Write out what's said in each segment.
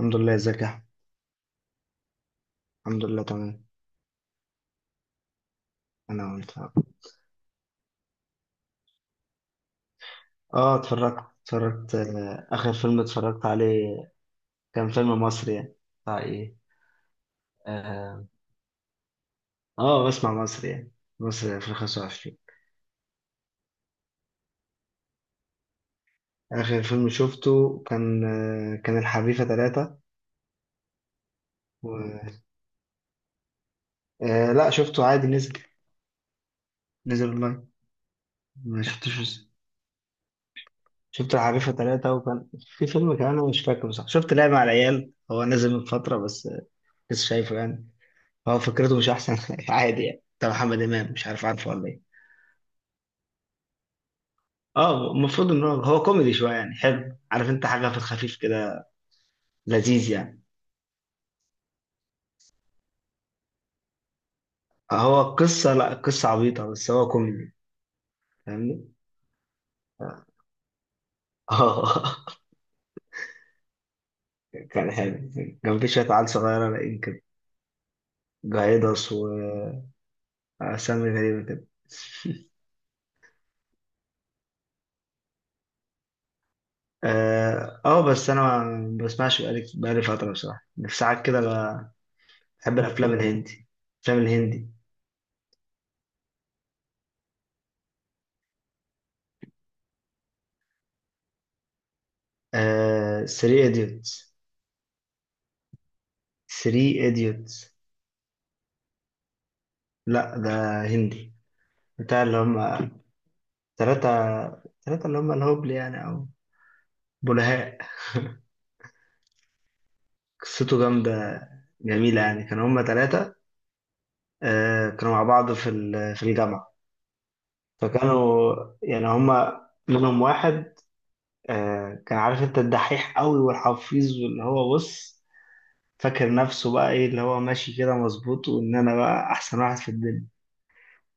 الحمد لله، ازيك يا احمد؟ الحمد لله تمام. انا وانت. اه اتفرجت، اخر فيلم اتفرجت عليه كان فيلم مصري يعني. بتاع ايه. اه بسمع مصري يعني، مصري 2025. اخر فيلم شفته كان، كان الحريفة ثلاثة و... لا، شفته عادي، نزل، نزل اونلاين. ما شفتوش. شفت الحريفة ثلاثة، وكان في فيلم كمان انا مش فاكره. صح، شفت لعبة على العيال، هو نزل من فترة بس لسه شايفه يعني. هو فكرته مش احسن حاجة، عادي يعني، بتاع محمد امام، مش عارف عارفه ولا ايه. اه، المفروض ان هو كوميدي شويه، يعني حلو، عارف انت، حاجه في الخفيف كده، لذيذ يعني. هو قصه، لا قصه عبيطه بس هو كوميدي، فاهمني. اه. كان حلو. كان في شويه عيال صغيره لاقيين كده، جايدس، واسامي غريبه كده بس انا ما بسمعش، بقالي فتره بصراحه، في ساعات كده بحب الافلام الهندي، الافلام الهندي. سري ايديوتس، 3 idiots. لا، ده هندي، بتاع اللي هم تلاتة. تلاتة اللي هم الهبل يعني، أو بلهاء. قصته جامدة، جميلة يعني. كانوا هم تلاتة، كانوا مع بعض في الجامعة. فكانوا يعني، هم منهم واحد، كان عارف انت، الدحيح قوي والحفيظ، واللي هو بص، فاكر نفسه بقى ايه، اللي هو ماشي كده مظبوط، وان انا بقى احسن واحد في الدنيا.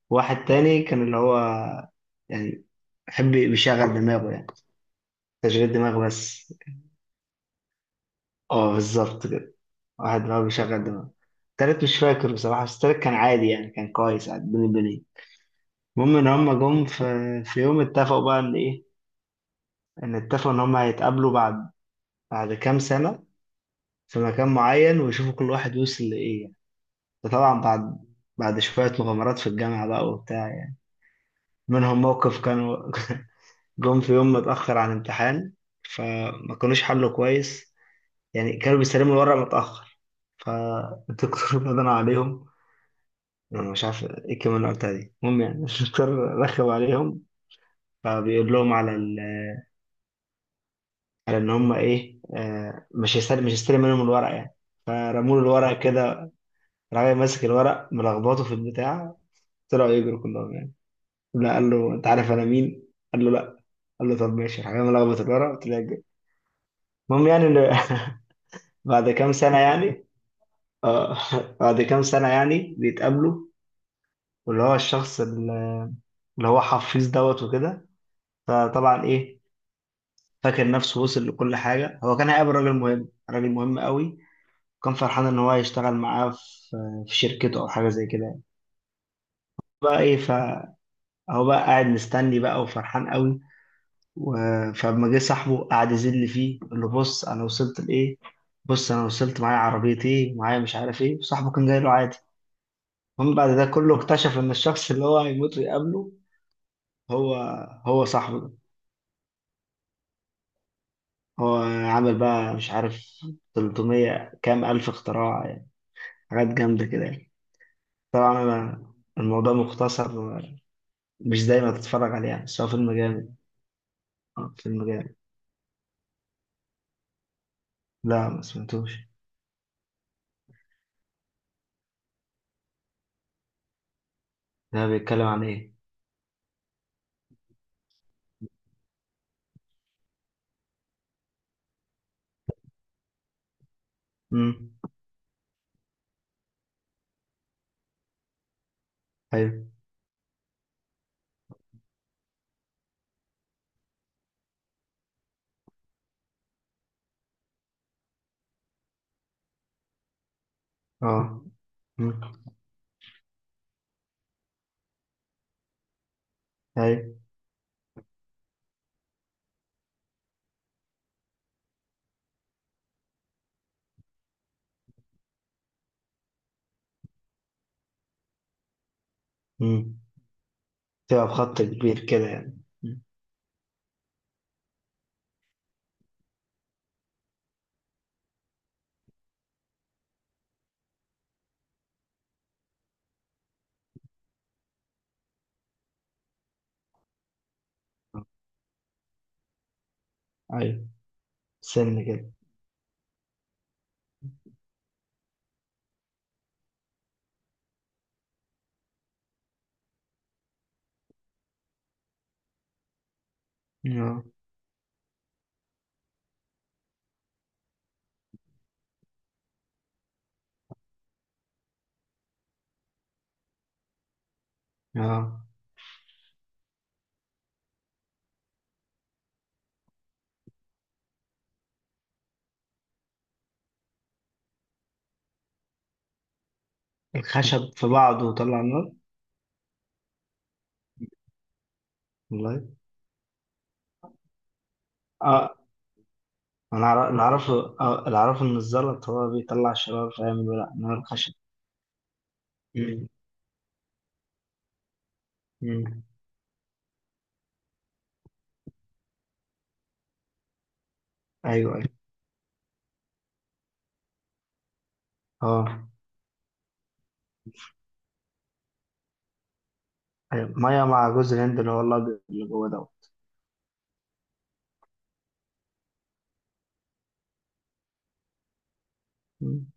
واحد تاني كان اللي هو يعني بيحب بيشغل دماغه يعني، تشغيل دماغ بس. اه بالظبط كده. واحد دماغه بيشغل دماغه. التالت مش فاكر بصراحة، بس التالت كان عادي يعني، كان كويس عادي، بني. المهم إن هما جم في يوم اتفقوا بقى إن إيه، إن اتفقوا إن هما هيتقابلوا بعد كام سنة في مكان معين، ويشوفوا كل واحد وصل لإيه يعني. ده طبعا بعد، بعد شوية مغامرات في الجامعة بقى وبتاع يعني، منهم موقف كانوا جم في يوم متأخر عن امتحان، فما كانوش حلوا كويس يعني، كانوا بيستلموا الورق متأخر. فالدكتور بدنا عليهم، انا مش عارف ايه الكلمه اللي قلتها دي، المهم يعني الدكتور رخم عليهم. فبيقول لهم على ال... على ان هم ايه، مش هيستلم، منهم الورق يعني. فرموا له الورق كده، راجل ماسك الورق ملخبطه في البتاع، طلعوا يجروا كلهم يعني. لا، قال له انت عارف انا مين؟ قال له لا. قال له طب ماشي. راح جاي ملخبط الورق، طلع يجري. المهم يعني إن، بعد كام سنه يعني، اه، بعد كام سنه يعني بيتقابلوا. واللي هو الشخص اللي، اللي هو حفيظ دوت وكده، فطبعا ايه، فاكر نفسه وصل لكل حاجة. هو كان هيقابل راجل مهم، راجل مهم قوي، وكان فرحان إن هو هيشتغل معاه في، في شركته أو حاجة زي كده يعني. بقى إيه، فهو بقى قاعد مستني بقى وفرحان قوي، فلما جه صاحبه قعد يذل فيه، اللي بص أنا وصلت لإيه، بص أنا وصلت معايا عربية إيه، معايا مش عارف إيه، وصاحبه كان جاي له عادي. المهم بعد ده كله اكتشف إن الشخص اللي هو هيموت ويقابله هو هو صاحبه ده. هو عامل بقى مش عارف، 300 كام ألف اختراع يعني، حاجات جامدة كده يعني. طبعا. الموضوع مختصر، مش دايما تتفرج عليه يعني، بس هو فيلم جامد. اه، فيلم جامد. لا، ما سمعتوش. ده بيتكلم عن ايه؟ امم. ايوه. اه. امم. ايوه. امم. تبقى بخط كبير كده يعني. مم. ايوه، سن كده. اه. اه، الخشب في بعضه وطلع نار؟ والله. اه، انا أعرف- اللي اعرفه اللي اعرفه ان الزلط هو بيطلع شرار، فاهم، لا نار الخشب. امم. امم. ايوه ايوه. اه. أيوة، ميه مع جوز الهند اللي هو الابيض اللي جوه دوت. مم.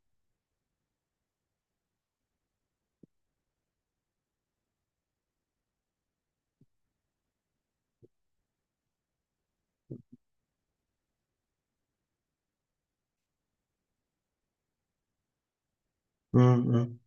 مم. مم.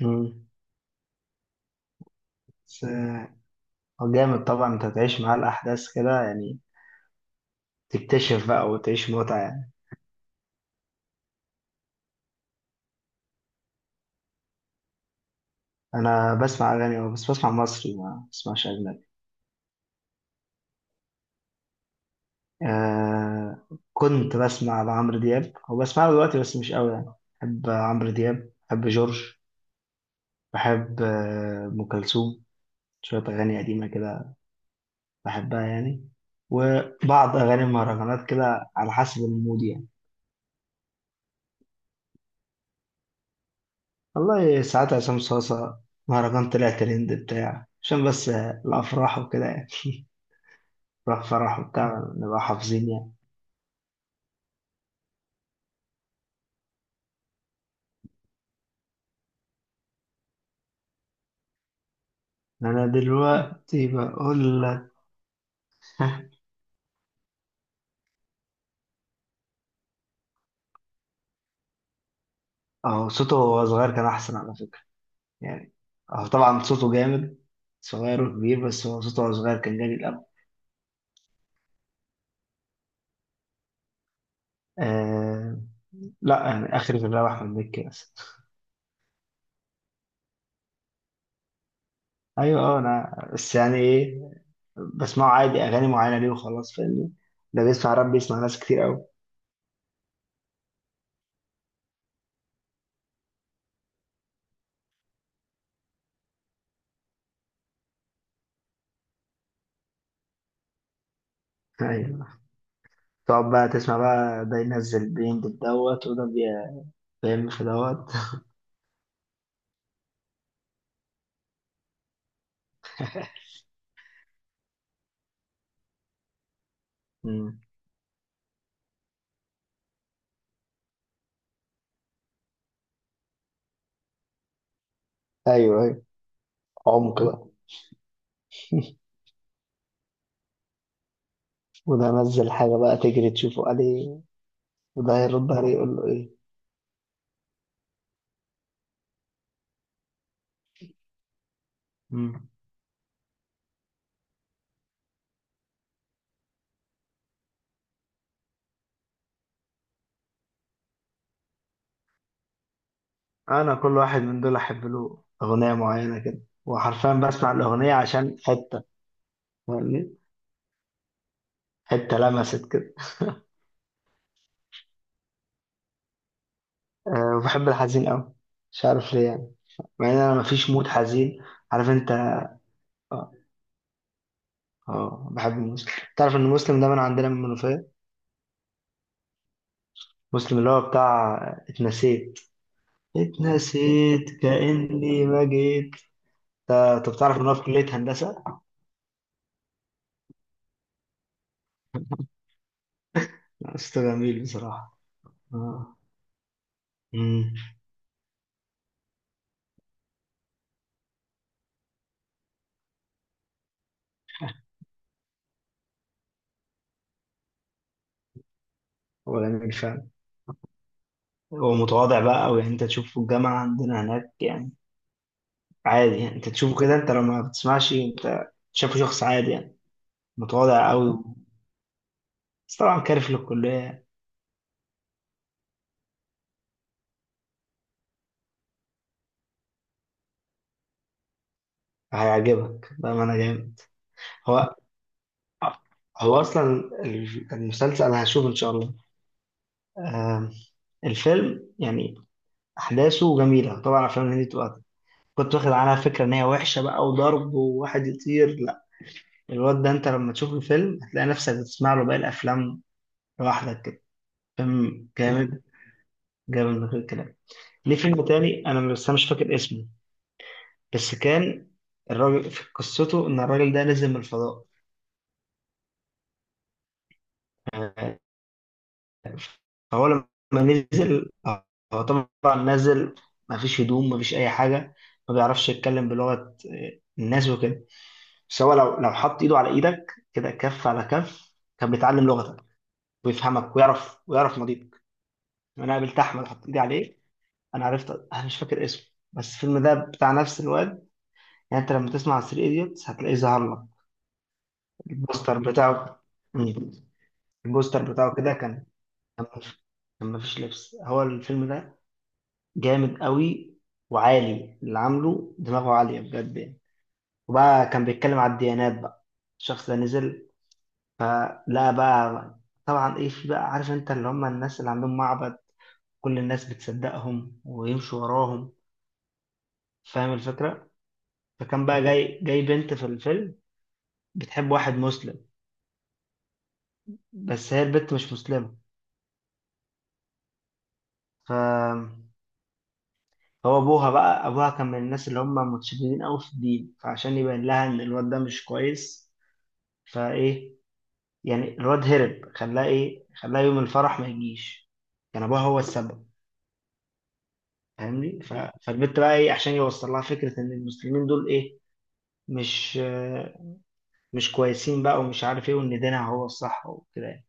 مم. بس هو جامد طبعا، انت تعيش معاه الاحداث كده يعني، تكتشف بقى وتعيش متعه يعني. انا بسمع اغاني أوي، بس بسمع مصري، ما بسمعش اجنبي. آه كنت بسمع لعمرو دياب، هو بسمعه دلوقتي بس مش قوي يعني. بحب عمرو دياب، بحب جورج، بحب ام كلثوم، شويه اغاني قديمه كده بحبها يعني، وبعض اغاني المهرجانات كده على حسب المود يعني. والله ساعات عصام صاصة، مهرجان طلع ترند بتاع، عشان بس الأفراح وكده يعني. راح فرح وبتاع، نبقى حافظين يعني. أنا دلوقتي بقول لك. أهو صوته وهو صغير كان أحسن على فكرة يعني. أهو طبعا صوته جامد، صغير وكبير، بس هو صوته وهو صغير كان جامد الأول. آه. لا يعني، آخر في الراب أحمد مكي بس. أيوه. أه، أنا بس يعني إيه، بسمعه عادي، أغاني معينة ليه وخلاص، فاهمني. ده بيسمع راب، بيسمع ناس كتير أوي. أيوه. تقعد بقى تسمع بقى، ده ينزل بينج في دوت، بيعمل في دوت. مم. ايوه ايوه، عمق بقى. وده نزل حاجة بقى تجري تشوفه عليه، وده يرد عليه يقول له ايه. مم. انا كل واحد من دول احب له اغنية معينة كده، وحرفيا بسمع الاغنية عشان حتة، فاهمني. حتة لمست كده. أه، وبحب الحزين قوي، مش عارف ليه يعني، مع ان انا مفيش مود حزين. عارف انت. اه، بحب المسلم. تعرف ان مسلم ده من عندنا من المنوفية. مسلم اللي هو بتاع، اتنسيت. اتنسيت كأني ما جيت. طب تعرف ان هو في كلية هندسة؟ أسطى جميل بصراحة. اه. امم. هو جميل فعلا. هو متواضع بقى أوي يعني، انت تشوفه في الجامعة عندنا هناك يعني. عادي يعني انت تشوفه كده، انت لو ما بتسمعش انت شايفه شخص عادي يعني. متواضع أوي، بس طبعا كارف للكلية. هيعجبك بقى ما انا جامد. هو هو اصلا، المسلسل انا هشوف ان شاء الله، آم، الفيلم يعني، احداثه جميله. طبعا افلام الهندي بتبقى، كنت واخد عنها فكرة إن هي وحشة بقى، وضرب وواحد يطير، لا. الواد ده أنت لما تشوف الفيلم هتلاقي نفسك بتسمع له باقي الأفلام لوحدك كده. فيلم جامد، جامد من غير كلام. ليه فيلم تاني، أنا بس أنا مش فاكر اسمه، بس كان الراجل في قصته إن الراجل ده نزل من الفضاء. آه، فهو لما نزل، هو طبعا نازل، ما فيش هدوم، ما فيش اي حاجه، ما بيعرفش يتكلم بلغه الناس وكده، بس هو لو حط ايده على ايدك كده، كف على كف، كان بيتعلم لغتك ويفهمك، ويعرف ماضيك. انا قابلت احمد حط ايدي عليه، انا عرفت. انا مش فاكر اسمه، بس الفيلم ده بتاع نفس الواد يعني. انت لما تسمع 3 ايديوتس هتلاقيه ظهر لك البوستر بتاعه. مم. البوستر بتاعه كده كان، كان مف- كان مفيش لبس، هو الفيلم ده جامد قوي، وعالي، اللي عامله دماغه عالية بجد يعني. وبقى كان بيتكلم على الديانات بقى. الشخص ده نزل، فلا بقى، طبعا ايه، في بقى عارف انت اللي هم الناس اللي عندهم معبد، كل الناس بتصدقهم ويمشوا وراهم، فاهم الفكرة. فكان بقى مم. جاي بنت في الفيلم بتحب واحد مسلم، بس هي البنت مش مسلمة. ف، هو ابوها بقى، ابوها كان من الناس اللي هم متشددين قوي في الدين، فعشان يبين لها ان الواد ده مش كويس فايه يعني، الواد هرب، خلاه ايه، خلاه يوم الفرح ما يجيش، كان ابوها هو السبب، فاهمني. ف... فالبنت بقى ايه، عشان يوصل لها فكره ان المسلمين دول ايه، مش مش كويسين بقى، ومش عارف ايه، وان دينها هو الصح وكده يعني.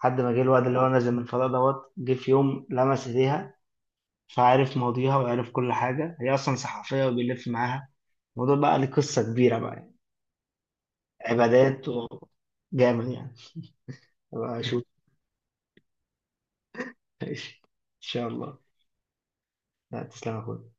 لحد ما جه الواد اللي هو نازل من الفضاء دوت، جه في يوم لمس ايديها فعرف ماضيها وعرف كل حاجه، هي اصلا صحفيه وبيلف معاها الموضوع، بقى ليه قصه كبيره بقى يعني. عبادات وجامد يعني. أبقى اشوف. ان شاء الله. لا، تسلم يا اخويا.